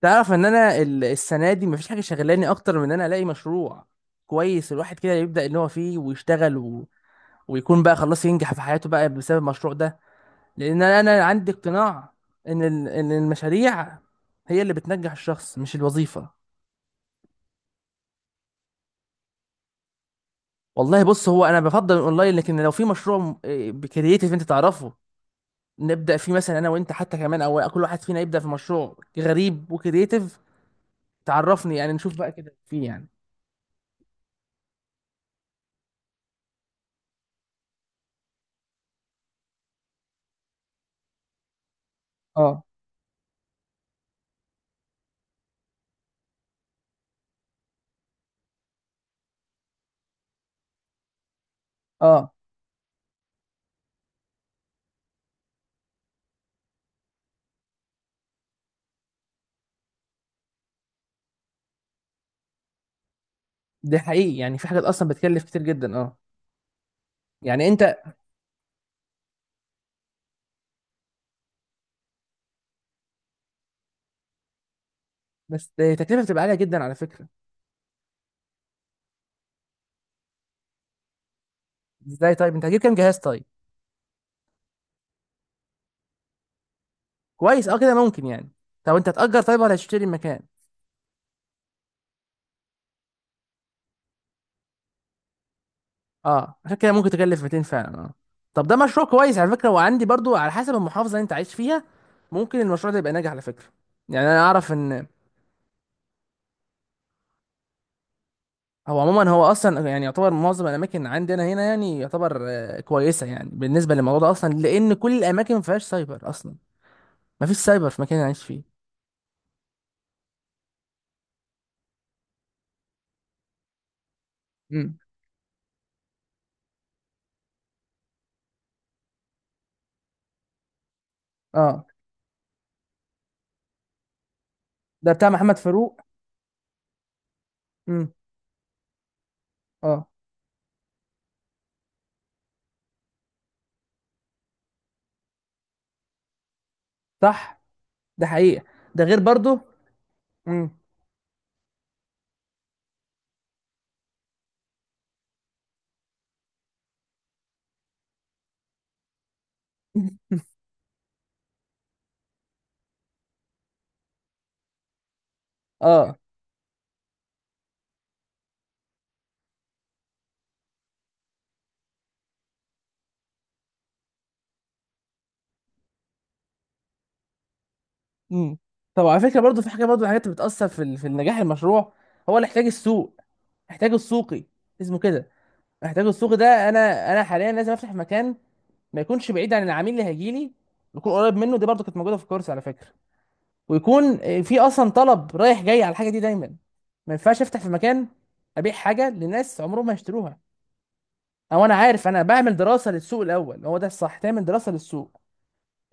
تعرف ان انا السنه دي مفيش حاجه شغلاني اكتر من ان انا الاقي مشروع كويس. الواحد كده يبدا ان هو فيه ويشتغل ويكون بقى خلاص ينجح في حياته بقى بسبب المشروع ده، لان انا عندي اقتناع ان المشاريع هي اللي بتنجح الشخص، مش الوظيفه. والله بص، هو انا بفضل الاونلاين، لكن لو في مشروع م- إيه، بكرييتيف انت تعرفه نبدا فيه مثلا انا وانت حتى كمان، او كل واحد فينا يبدا في مشروع غريب وكرييتيف تعرفني يعني، نشوف بقى كده فيه يعني. اه. اه، ده حقيقي، يعني في حاجات اصلا بتكلف كتير جدا، اه. يعني انت، بس التكلفه بتبقى عاليه جدا على فكره. ازاي طيب؟ انت هتجيب كام جهاز طيب؟ كويس، اه كده ممكن يعني. طب انت هتأجر طيب ولا هتشتري المكان؟ اه عشان كده ممكن تكلف 200 فعلا، اه. طب ده مشروع كويس على فكره، وعندي برضو على حسب المحافظه اللي انت عايش فيها ممكن المشروع ده يبقى ناجح على فكره. يعني انا اعرف ان هو عموما، هو اصلا يعني يعتبر معظم الاماكن عندنا هنا يعني يعتبر كويسه يعني بالنسبه للموضوع ده اصلا، لان كل الاماكن ما فيهاش سايبر اصلا. ما فيش سايبر في المكان اللي أنا عايش فيه. امم اه، ده بتاع محمد فاروق. امم اه. صح، ده حقيقة، ده غير برضو. امم اه. امم طب على فكرة برضو في حاجة، برضو من الحاجات اللي بتأثر في في نجاح المشروع، هو الاحتياج السوق، احتياج السوقي اسمه كده. احتياج السوقي ده، انا حاليا لازم افتح مكان ما يكونش بعيد عن العميل اللي هيجيلي، يكون قريب منه. دي برضو كانت موجودة في الكورس على فكرة. ويكون في اصلا طلب رايح جاي على الحاجة دي دايما. ما ينفعش افتح في مكان ابيع حاجة لناس عمرهم ما يشتروها. او انا عارف، انا بعمل دراسه للسوق الاول، هو ده الصح، تعمل دراسه للسوق.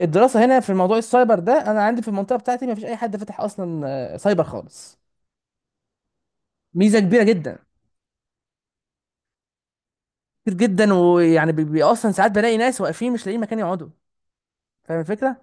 الدراسه هنا في موضوع السايبر ده، انا عندي في المنطقه بتاعتي ما فيش اي حد فاتح اصلا سايبر خالص. ميزه كبيره جدا. كتير جدا، ويعني اصلا ساعات بلاقي ناس واقفين مش لاقيين مكان يقعدوا. فاهم الفكره.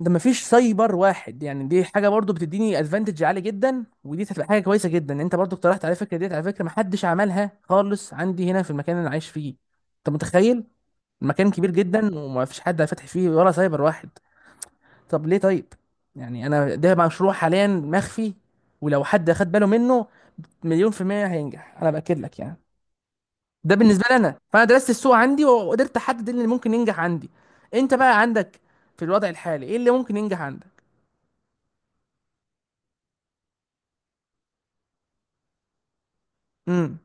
ده ما فيش سايبر واحد، يعني دي حاجه برضو بتديني ادفانتج عالي جدا، ودي هتبقى حاجه كويسه جدا. انت برضو اقترحت على فكره ديت، على فكره ما حدش عملها خالص عندي هنا في المكان اللي انا عايش فيه. انت متخيل؟ المكان كبير جدا وما فيش حد فاتح فيه ولا سايبر واحد. طب ليه طيب؟ يعني انا ده مشروع حاليا مخفي، ولو حد خد باله منه مليون في المية هينجح، انا باكد لك يعني. ده بالنسبة لي انا، فانا درست السوق عندي وقدرت احدد إيه اللي ممكن ينجح عندي. انت بقى عندك في الوضع الحالي ايه اللي ممكن ينجح عندك؟ امم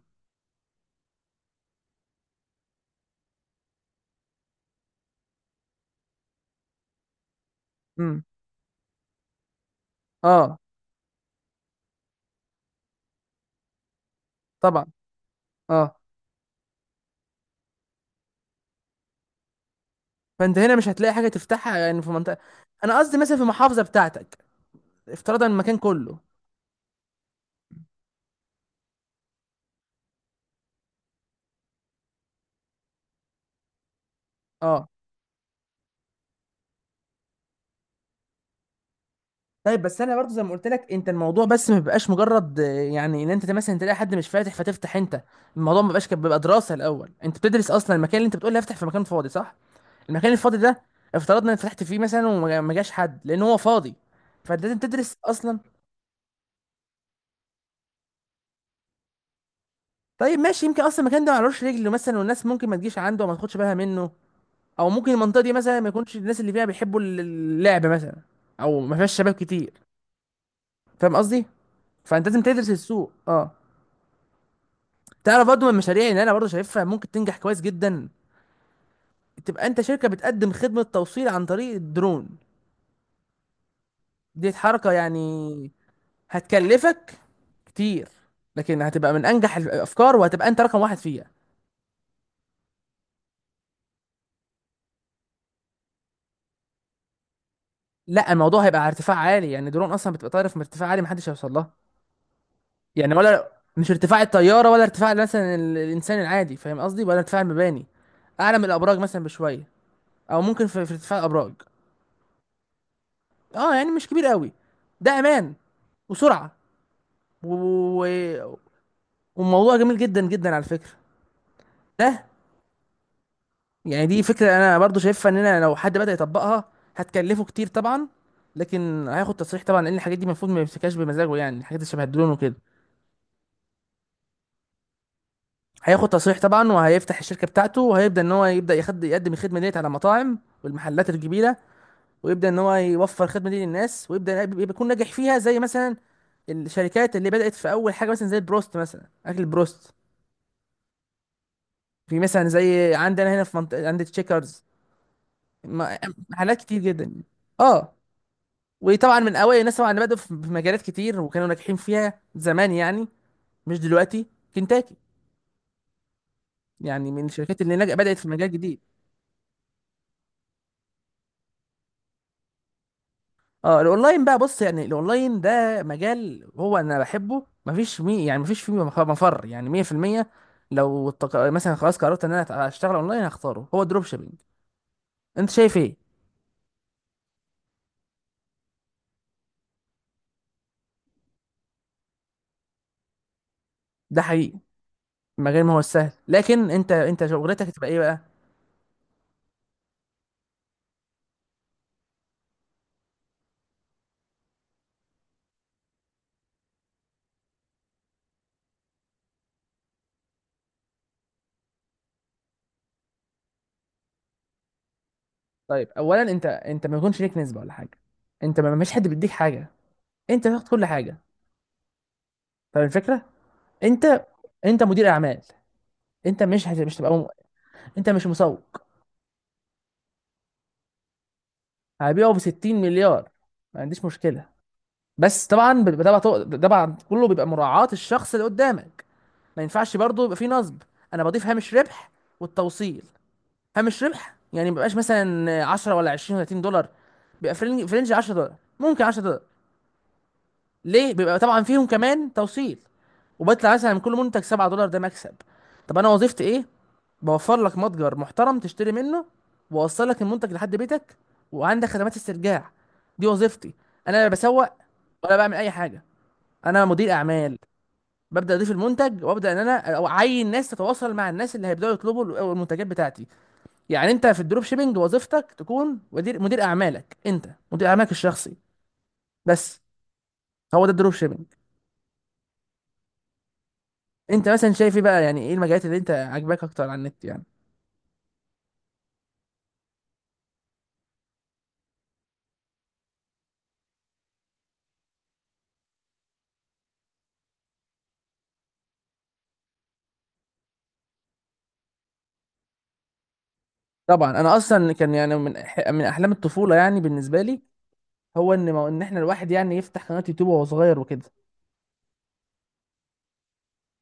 امم اه، طبعا. اه. فانت هنا مش هتلاقي حاجة تفتحها يعني في منطقة. انا قصدي مثلا في المحافظة بتاعتك، افتراضا المكان كله. اه، طيب. بس انا برضو زي ما قلت لك انت، الموضوع بس ما بيبقاش مجرد يعني ان انت مثلا تلاقي حد مش فاتح فتفتح انت. الموضوع ما بيبقاش كده، بيبقى دراسه الاول. انت بتدرس اصلا المكان اللي انت بتقول لي افتح في مكان فاضي، صح؟ المكان الفاضي ده، افترضنا ان فتحت فيه مثلا وما ما جاش حد لان هو فاضي، فانت لازم تدرس اصلا. طيب ماشي، يمكن اصلا المكان ده معلوش رجل مثلا، والناس ممكن ما تجيش عنده وما تاخدش بالها منه، او ممكن المنطقه دي مثلا ما يكونش الناس اللي فيها بيحبوا اللعب مثلا، او ما فيهاش شباب كتير. فاهم قصدي؟ فانت لازم تدرس السوق، اه. تعرف برضه من المشاريع اللي انا برضه شايفها ممكن تنجح كويس جدا، تبقى انت شركه بتقدم خدمه توصيل عن طريق الدرون. دي حركه يعني، هتكلفك كتير، لكن هتبقى من انجح الافكار وهتبقى انت رقم واحد فيها. لا الموضوع هيبقى على ارتفاع عالي، يعني درون اصلا بتبقى طايره في ارتفاع عالي محدش هيوصل لها. يعني ولا مش ارتفاع الطياره، ولا ارتفاع مثلا الانسان العادي، فاهم قصدي، ولا ارتفاع المباني. اعلى من الابراج مثلا بشويه، او ممكن في ارتفاع الابراج. اه يعني مش كبير قوي. ده امان وسرعه و... و- وموضوع جميل جدا جدا على فكرة. ده يعني دي فكرة انا برضو شايفها اننا لو حد بدأ يطبقها هتكلفه كتير طبعا، لكن هياخد تصريح طبعا لان الحاجات دي المفروض ما يمسكهاش بمزاجه، يعني الحاجات اللي شبه الدرون وكده. هياخد تصريح طبعا، وهيفتح الشركة بتاعته، وهيبدأ ان هو يبدأ يقدم الخدمة ديت على المطاعم والمحلات الكبيرة، ويبدأ ان هو يوفر الخدمة دي للناس، ويبدأ يكون ناجح فيها زي مثلا الشركات اللي بدأت في اول حاجة، مثلا زي البروست مثلا، اكل البروست، في مثلا زي عندنا هنا في منطقة عند تشيكرز. ما- حالات كتير جدا، اه. وطبعا من اوائل الناس طبعا اللي بدأوا في في مجالات كتير وكانوا ناجحين فيها زمان يعني، مش دلوقتي. كنتاكي يعني، من الشركات اللي بدأت في مجال جديد. اه، الاونلاين بقى، بص يعني، الاونلاين ده مجال هو انا بحبه، مفيش مي يعني مفيش فيه مفر يعني، 100%. مثلا خلاص قررت ان انا اشتغل اونلاين هختاره، هو الدروب شيبينج. انت شايف ايه؟ ده حقيقي. المجال ما هو السهل، لكن انت شغلتك هتبقى ايه بقى؟ طيب اولا انت ما يكونش ليك نسبه ولا حاجه. انت ما مش حد بيديك حاجه، انت تاخد كل حاجه. فاهم الفكره؟ انت، انت مدير اعمال، انت مش هت... مش تبقى م... انت مش مسوق. هبيعه ب 60 مليار، ما عنديش مشكله. بس طبعا بيبقى، طبعاً كله بيبقى مراعاه الشخص اللي قدامك، ما ينفعش برضه يبقى فيه نصب. انا بضيف هامش ربح والتوصيل. هامش ربح يعني ما بيبقاش مثلا 10 ولا 20 ولا $30، بيبقى في رينج، في رينج $10 ممكن 10، ليه؟ بيبقى طبعا فيهم كمان توصيل، وبطلع مثلا من كل منتج $7، ده مكسب. طب انا وظيفتي ايه؟ بوفر لك متجر محترم تشتري منه، واوصل لك المنتج لحد بيتك، وعندك خدمات استرجاع. دي وظيفتي. انا لا بسوق ولا بعمل اي حاجه، انا مدير اعمال. ببدا اضيف المنتج وابدا ان انا أو اعين ناس تتواصل مع الناس اللي هيبداوا يطلبوا المنتجات بتاعتي. يعني انت في الدروب شيبينج وظيفتك تكون مدير، مدير اعمالك انت، مدير اعمالك الشخصي، بس. هو ده الدروب شيبينج. انت مثلا شايف ايه بقى، يعني ايه المجالات اللي انت عاجباك اكتر على النت يعني؟ طبعا انا اصلا كان يعني من من احلام الطفوله يعني بالنسبه لي، هو ان ان احنا الواحد يعني يفتح قناه يوتيوب وهو صغير وكده.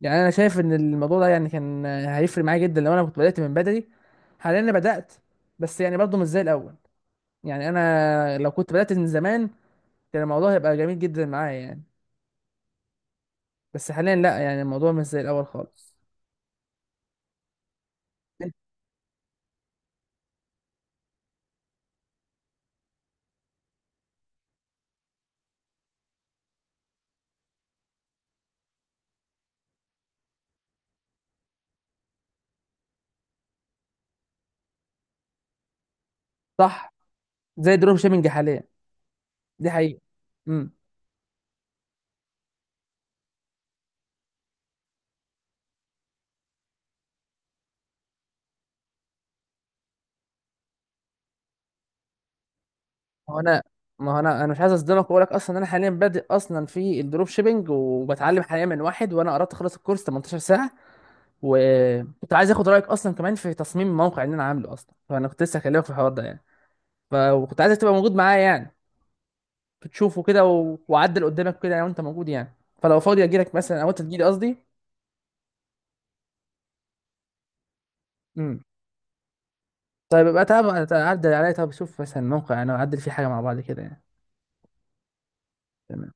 يعني انا شايف ان الموضوع ده يعني كان هيفرق معايا جدا لو انا كنت بدات من بدري. حاليا انا بدات، بس يعني برضه مش زي الاول. يعني انا لو كنت بدات من زمان كان الموضوع هيبقى جميل جدا معايا يعني. بس حاليا لا، يعني الموضوع مش زي الاول خالص. صح، زي دروب شيبنج حاليا، دي حقيقه. ما هو انا ما هو انا مش عايز اصدمك واقول لك اصلا انا حاليا بادئ اصلا في الدروب شيبنج، وبتعلم حاليا من واحد، وانا قربت اخلص الكورس 18 ساعه. وكنت عايز اخد رايك اصلا كمان في تصميم الموقع اللي انا عامله اصلا، فانا كنت لسه هكلمك في الحوار ده يعني. وكنت عايزك تبقى موجود معايا يعني، تشوفه كده وعدل قدامك كده لو انت موجود يعني. فلو فاضي اجي لك مثلا او انت تجي لي قصدي. امم طيب يبقى تعب، تعدل عليا طب، شوف مثلا الموقع انا اعدل فيه حاجه مع بعض كده يعني. تمام.